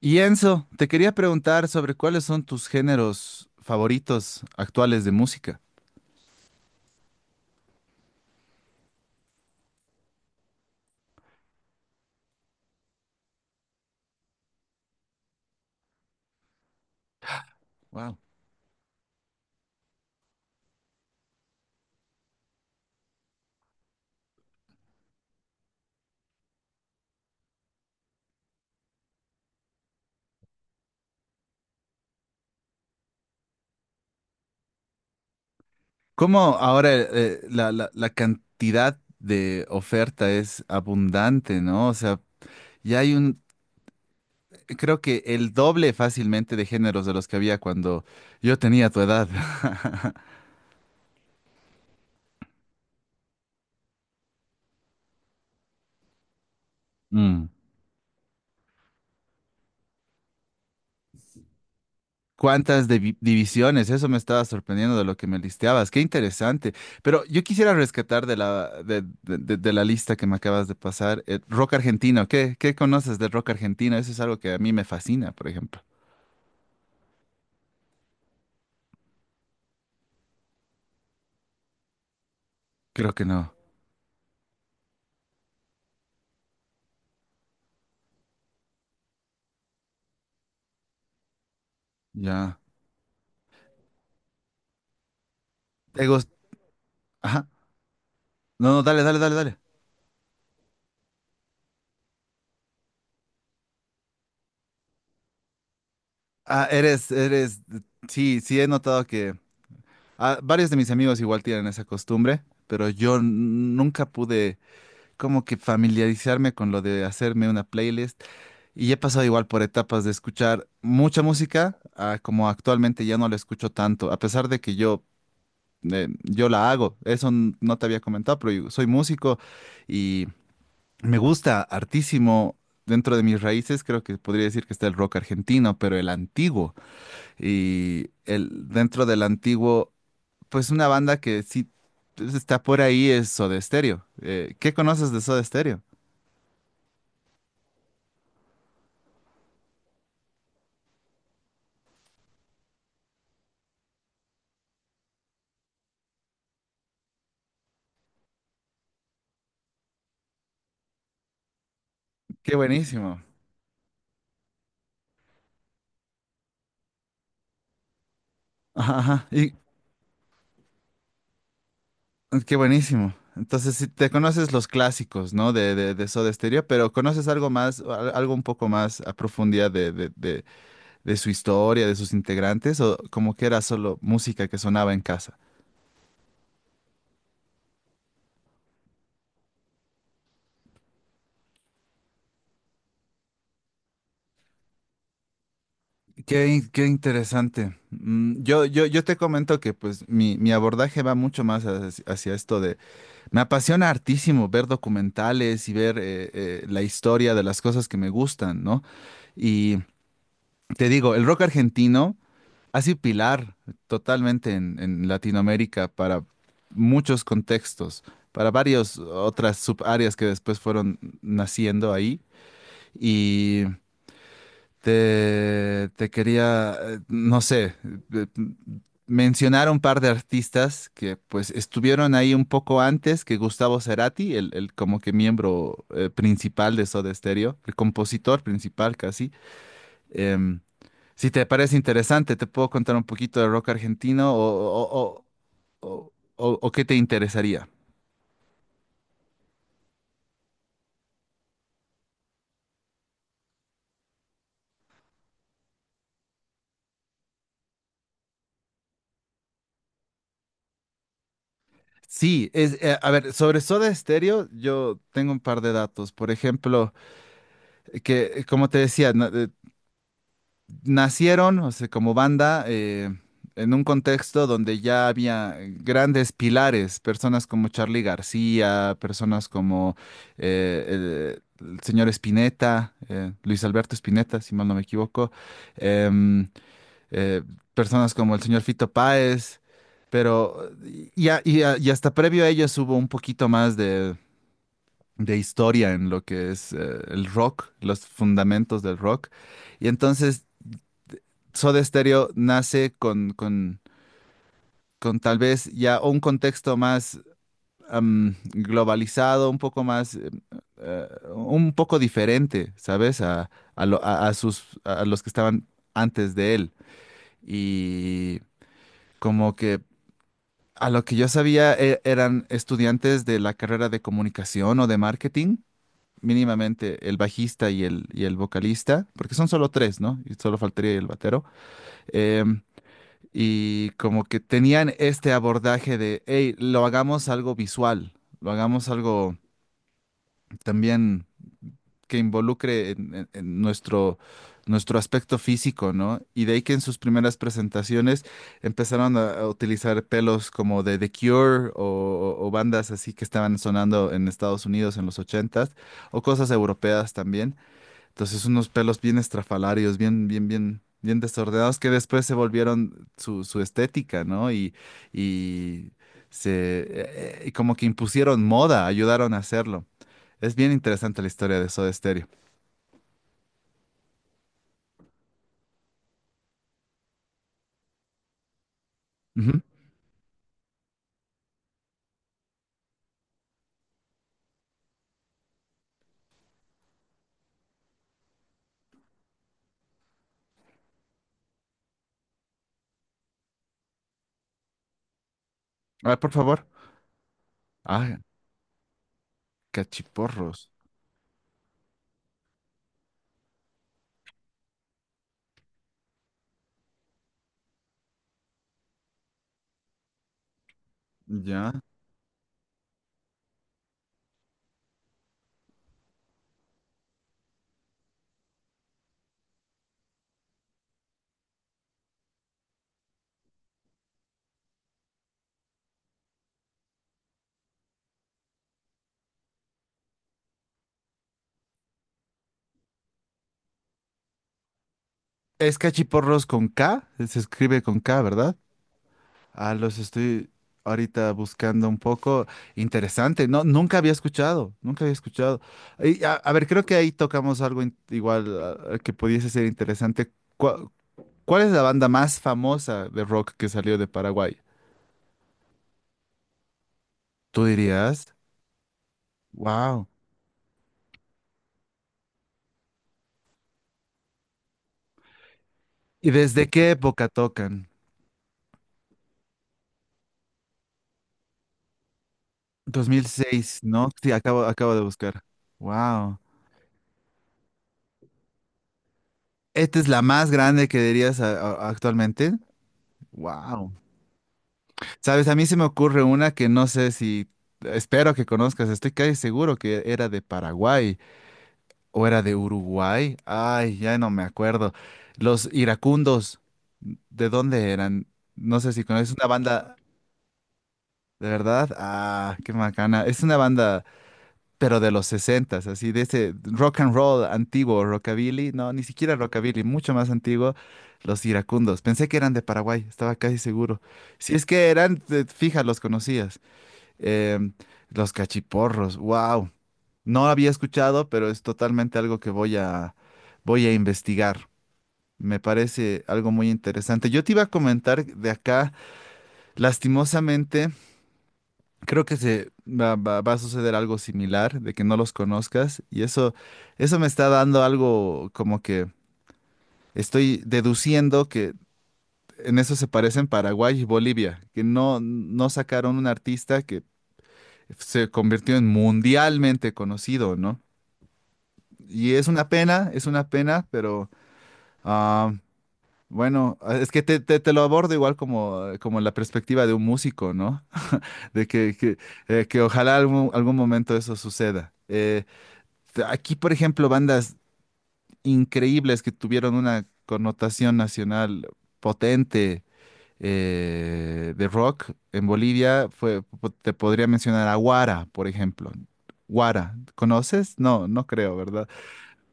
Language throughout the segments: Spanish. Y Enzo, te quería preguntar sobre cuáles son tus géneros favoritos actuales de música. Wow. ¿Cómo ahora la cantidad de oferta es abundante, ¿no? O sea, ya hay un, creo que el doble fácilmente de géneros de los que había cuando yo tenía tu edad. Mm. Divisiones, eso me estaba sorprendiendo de lo que me listeabas, qué interesante. Pero yo quisiera rescatar de la lista que me acabas de pasar, el rock argentino. ¿Qué conoces del rock argentino? Eso es algo que a mí me fascina, por ejemplo. Creo que no. Ya. ¿Te gust- Ajá. No, no, dale, dale, dale, dale. Ah, eres. Sí, sí, he notado que varios de mis amigos igual tienen esa costumbre, pero yo nunca pude como que familiarizarme con lo de hacerme una playlist. Y he pasado igual por etapas de escuchar mucha música, a como actualmente ya no la escucho tanto, a pesar de que yo la hago. Eso no te había comentado, pero yo soy músico y me gusta hartísimo. Dentro de mis raíces creo que podría decir que está el rock argentino, pero el antiguo. Dentro del antiguo, pues una banda que sí pues, está por ahí es Soda Stereo. ¿Qué conoces de Soda Stereo? Qué buenísimo. Ajá, ajá. Qué buenísimo. Entonces, si te conoces los clásicos, ¿no? De Soda Stereo, pero conoces algo más, algo un poco más a profundidad de su historia, de sus integrantes, o como que era solo música que sonaba en casa. Qué interesante. Yo te comento que pues mi abordaje va mucho más hacia esto de. Me apasiona hartísimo ver documentales y ver la historia de las cosas que me gustan, ¿no? Y te digo, el rock argentino ha sido pilar totalmente en Latinoamérica para muchos contextos, para varias otras subáreas que después fueron naciendo ahí. Y te quería, no sé, eh, mencionar un par de artistas que pues estuvieron ahí un poco antes que Gustavo Cerati, el como que miembro principal de Soda Stereo, el compositor principal casi. Em, si te parece interesante, te puedo contar un poquito de rock argentino o, o qué te interesaría. Sí, a ver, sobre Soda Stereo, yo tengo un par de datos. Por ejemplo, que como te decía, ¿no? Nacieron, o sea, como banda, en un contexto donde ya había grandes pilares, personas como Charly García, personas como el señor Spinetta, Luis Alberto Spinetta, si mal no me equivoco, em, eh, personas como el señor Fito Páez, pero y hasta previo a ellos hubo un poquito más de historia en lo que es el rock, los fundamentos del rock. Y entonces Soda Stereo nace con tal vez ya un contexto más globalizado, un poco más, eh, un poco diferente, ¿sabes? A lo- a sus, a los que estaban antes de él. Y como que a lo que yo sabía eran estudiantes de la carrera de comunicación o de marketing, mínimamente el bajista y el vocalista, porque son solo tres, ¿no? Y solo faltaría el batero. Em, Y como que tenían este abordaje de, hey, lo hagamos algo visual, lo hagamos algo también que involucre en nuestro aspecto físico, ¿no? Y de ahí que en sus primeras presentaciones empezaron a utilizar pelos como de The Cure o bandas así que estaban sonando en Estados Unidos en los 80s, o cosas europeas también. Entonces unos pelos bien estrafalarios, bien, bien, bien, bien desordenados que después se volvieron su estética, ¿no? Y se como que impusieron moda, ayudaron a hacerlo. Es bien interesante la historia de Soda Stereo. Ujú. A ver, por favor. Ah, cachiporros. Ya. Es cachiporros con K, se escribe con K, ¿verdad? Ah, los estoy ahorita buscando un poco. Interesante, no, nunca había escuchado, nunca había escuchado. Y, a ver, creo que ahí tocamos algo igual que pudiese ser interesante. ¿Cuál es la banda más famosa de rock que salió de Paraguay? ¿Tú dirías? Wow. ¿Y desde qué época tocan? 2006, ¿no? Sí, acabo de buscar. Wow. ¿Esta es la más grande que dirías actualmente? Wow. Sabes, a mí se me ocurre una que no sé si, espero que conozcas, estoy casi seguro que era de Paraguay o era de Uruguay. Ay, ya no me acuerdo. Los iracundos, ¿de dónde eran? No sé si conoces una banda, ¿de verdad? Ah, qué macana. Es una banda, pero de los 60s, así, de ese rock and roll antiguo, rockabilly. No, ni siquiera rockabilly, mucho más antiguo, los iracundos. Pensé que eran de Paraguay, estaba casi seguro. Si es que eran, fija, los conocías. Em, los cachiporros, wow. No había escuchado, pero es totalmente algo que voy a investigar. Me parece algo muy interesante. Yo te iba a comentar de acá, lastimosamente, creo que se va a suceder algo similar, de que no los conozcas, y eso me está dando algo como que estoy deduciendo que en eso se parecen Paraguay y Bolivia, que no sacaron un artista que se convirtió en mundialmente conocido, ¿no? Y es una pena, pero ah, bueno, es que te lo abordo igual como la perspectiva de un músico, ¿no? De que ojalá algún momento eso suceda. Aquí, por ejemplo, bandas increíbles que tuvieron una connotación nacional potente de rock en Bolivia, te podría mencionar a Guara, por ejemplo. Guara, ¿conoces? No, no creo, ¿verdad?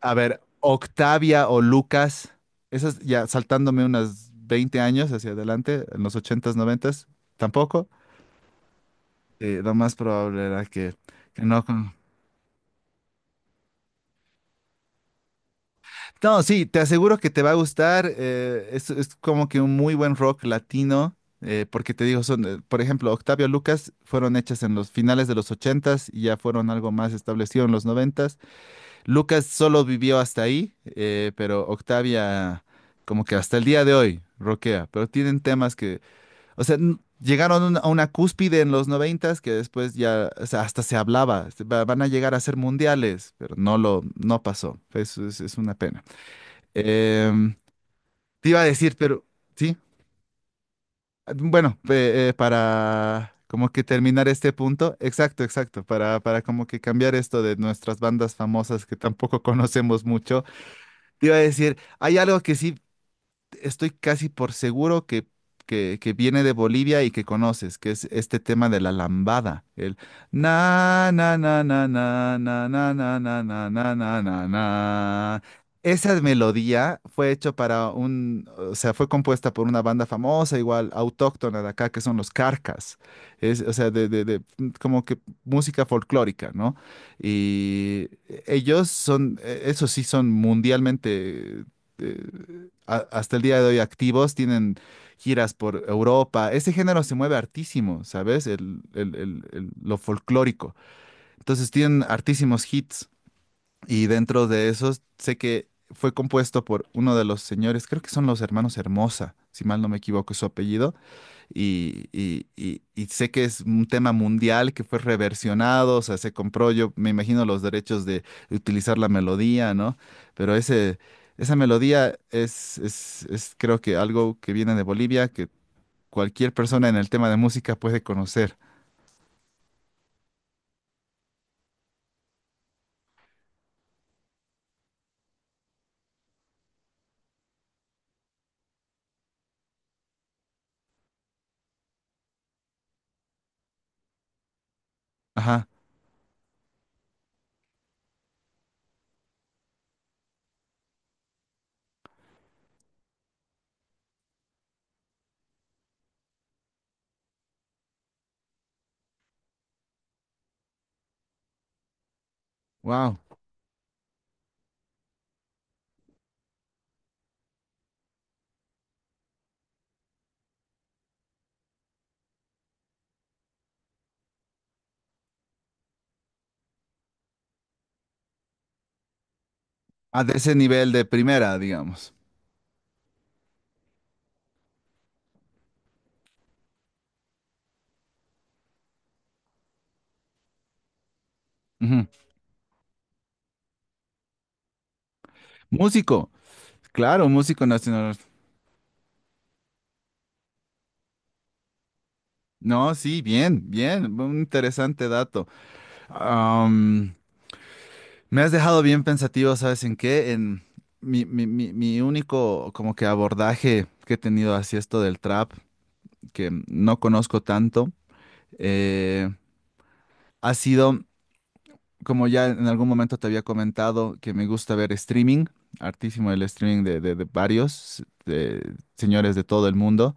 A ver, Octavia o Lucas, esas ya saltándome unas 20 años hacia adelante, en los 80s 90s, tampoco. Lo más probable era que no. No, sí, te aseguro que te va a gustar. Es, como que un muy buen rock latino, porque te digo, por ejemplo, Octavio Lucas fueron hechas en los finales de los 80s y ya fueron algo más establecido en los 90s. Lucas solo vivió hasta ahí, pero Octavia como que hasta el día de hoy roquea, pero tienen temas que, o sea, llegaron a una cúspide en los 90s que después ya, o sea, hasta se hablaba, van a llegar a ser mundiales, pero no pasó, eso es una pena. Em, Te iba a decir, pero, sí, bueno, para. Como que terminar este punto, exacto, exacto, para como que cambiar esto de nuestras bandas famosas que tampoco conocemos mucho. Te iba a decir, hay algo que sí estoy casi por seguro que viene de Bolivia y que conoces, que es este tema de la lambada. El na na na na na na na na na na na na na na. Esa melodía fue hecho o sea, fue compuesta por una banda famosa, igual autóctona de acá, que son los Carcas. Es, o sea, como que música folclórica, ¿no? Y ellos son, eso sí, son mundialmente eh, hasta el día de hoy activos, tienen giras por Europa. Ese género se mueve hartísimo, ¿sabes? Lo folclórico. Entonces tienen hartísimos hits y dentro de esos sé que fue compuesto por uno de los señores, creo que son los hermanos Hermosa, si mal no me equivoco es su apellido y sé que es un tema mundial que fue reversionado, o sea, se compró, yo me imagino los derechos de utilizar la melodía, ¿no? Pero esa melodía es creo que algo que viene de Bolivia, que cualquier persona en el tema de música puede conocer. Ajá, wow. A de ese nivel de primera, digamos. Ujú. Músico, claro, músico nacional. No, sí, bien, bien, un interesante dato. Me has dejado bien pensativo, ¿sabes en qué? En mi único como que abordaje que he tenido hacia esto del trap, que no conozco tanto, eh, ha sido, como ya en algún momento te había comentado, que me gusta ver streaming, hartísimo el streaming de varios de señores de todo el mundo.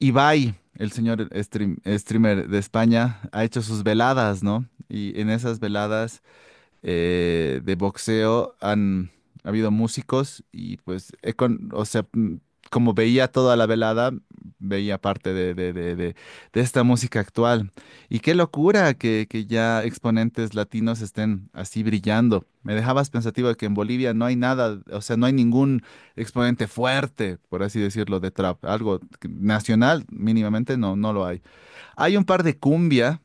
Ibai, el señor streamer de España, ha hecho sus veladas, ¿no? Y en esas veladas de boxeo han habido músicos y pues, o sea, como veía toda la velada, veía parte de esta música actual. Y qué locura que ya exponentes latinos estén así brillando. Me dejabas pensativo de que en Bolivia no hay nada, o sea, no hay ningún exponente fuerte, por así decirlo, de trap. Algo nacional, mínimamente, no lo hay. Hay un par de cumbia,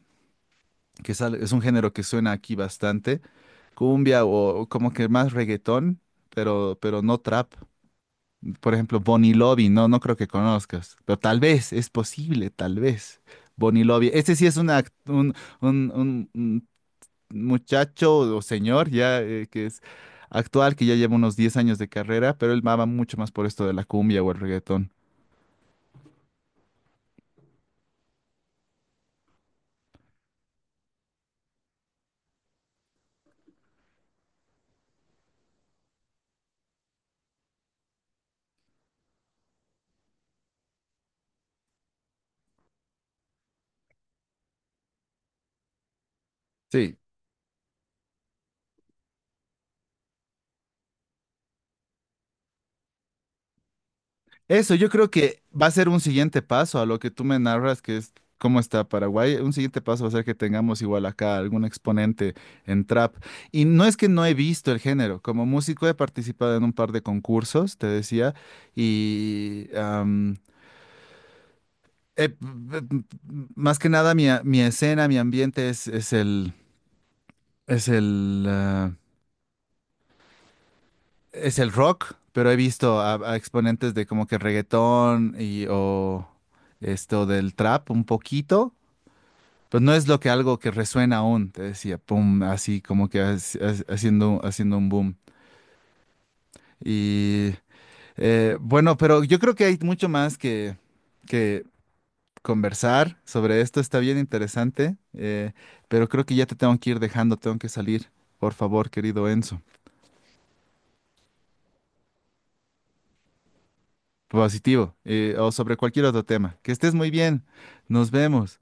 que es un género que suena aquí bastante cumbia o como que más reggaetón, pero, no trap. Por ejemplo, Bonnie Lobby, no creo que conozcas, pero tal vez, es posible, tal vez. Bonnie Lobby, este sí es una, act- un muchacho o señor ya que es actual, que ya lleva unos 10 años de carrera, pero él va mucho más por esto de la cumbia o el reggaetón. Sí, eso, yo creo que va a ser un siguiente paso a lo que tú me narras, que es cómo está Paraguay. Un siguiente paso va a ser que tengamos igual acá algún exponente en trap. Y no es que no he visto el género, como músico he participado en un par de concursos, te decía, y am, p- p- p- más que nada mi escena, mi ambiente es el, ah, es el rock, pero he visto a exponentes de como que reggaetón y o esto del trap un poquito. Pues no es lo que algo que resuena aún, te decía, pum, así como que haciendo un boom. Y bueno, pero yo creo que hay mucho más que conversar sobre esto, está bien interesante, pero creo que ya te tengo que ir dejando, tengo que salir, por favor, querido Enzo. Positivo, o sobre cualquier otro tema. Que estés muy bien, nos vemos.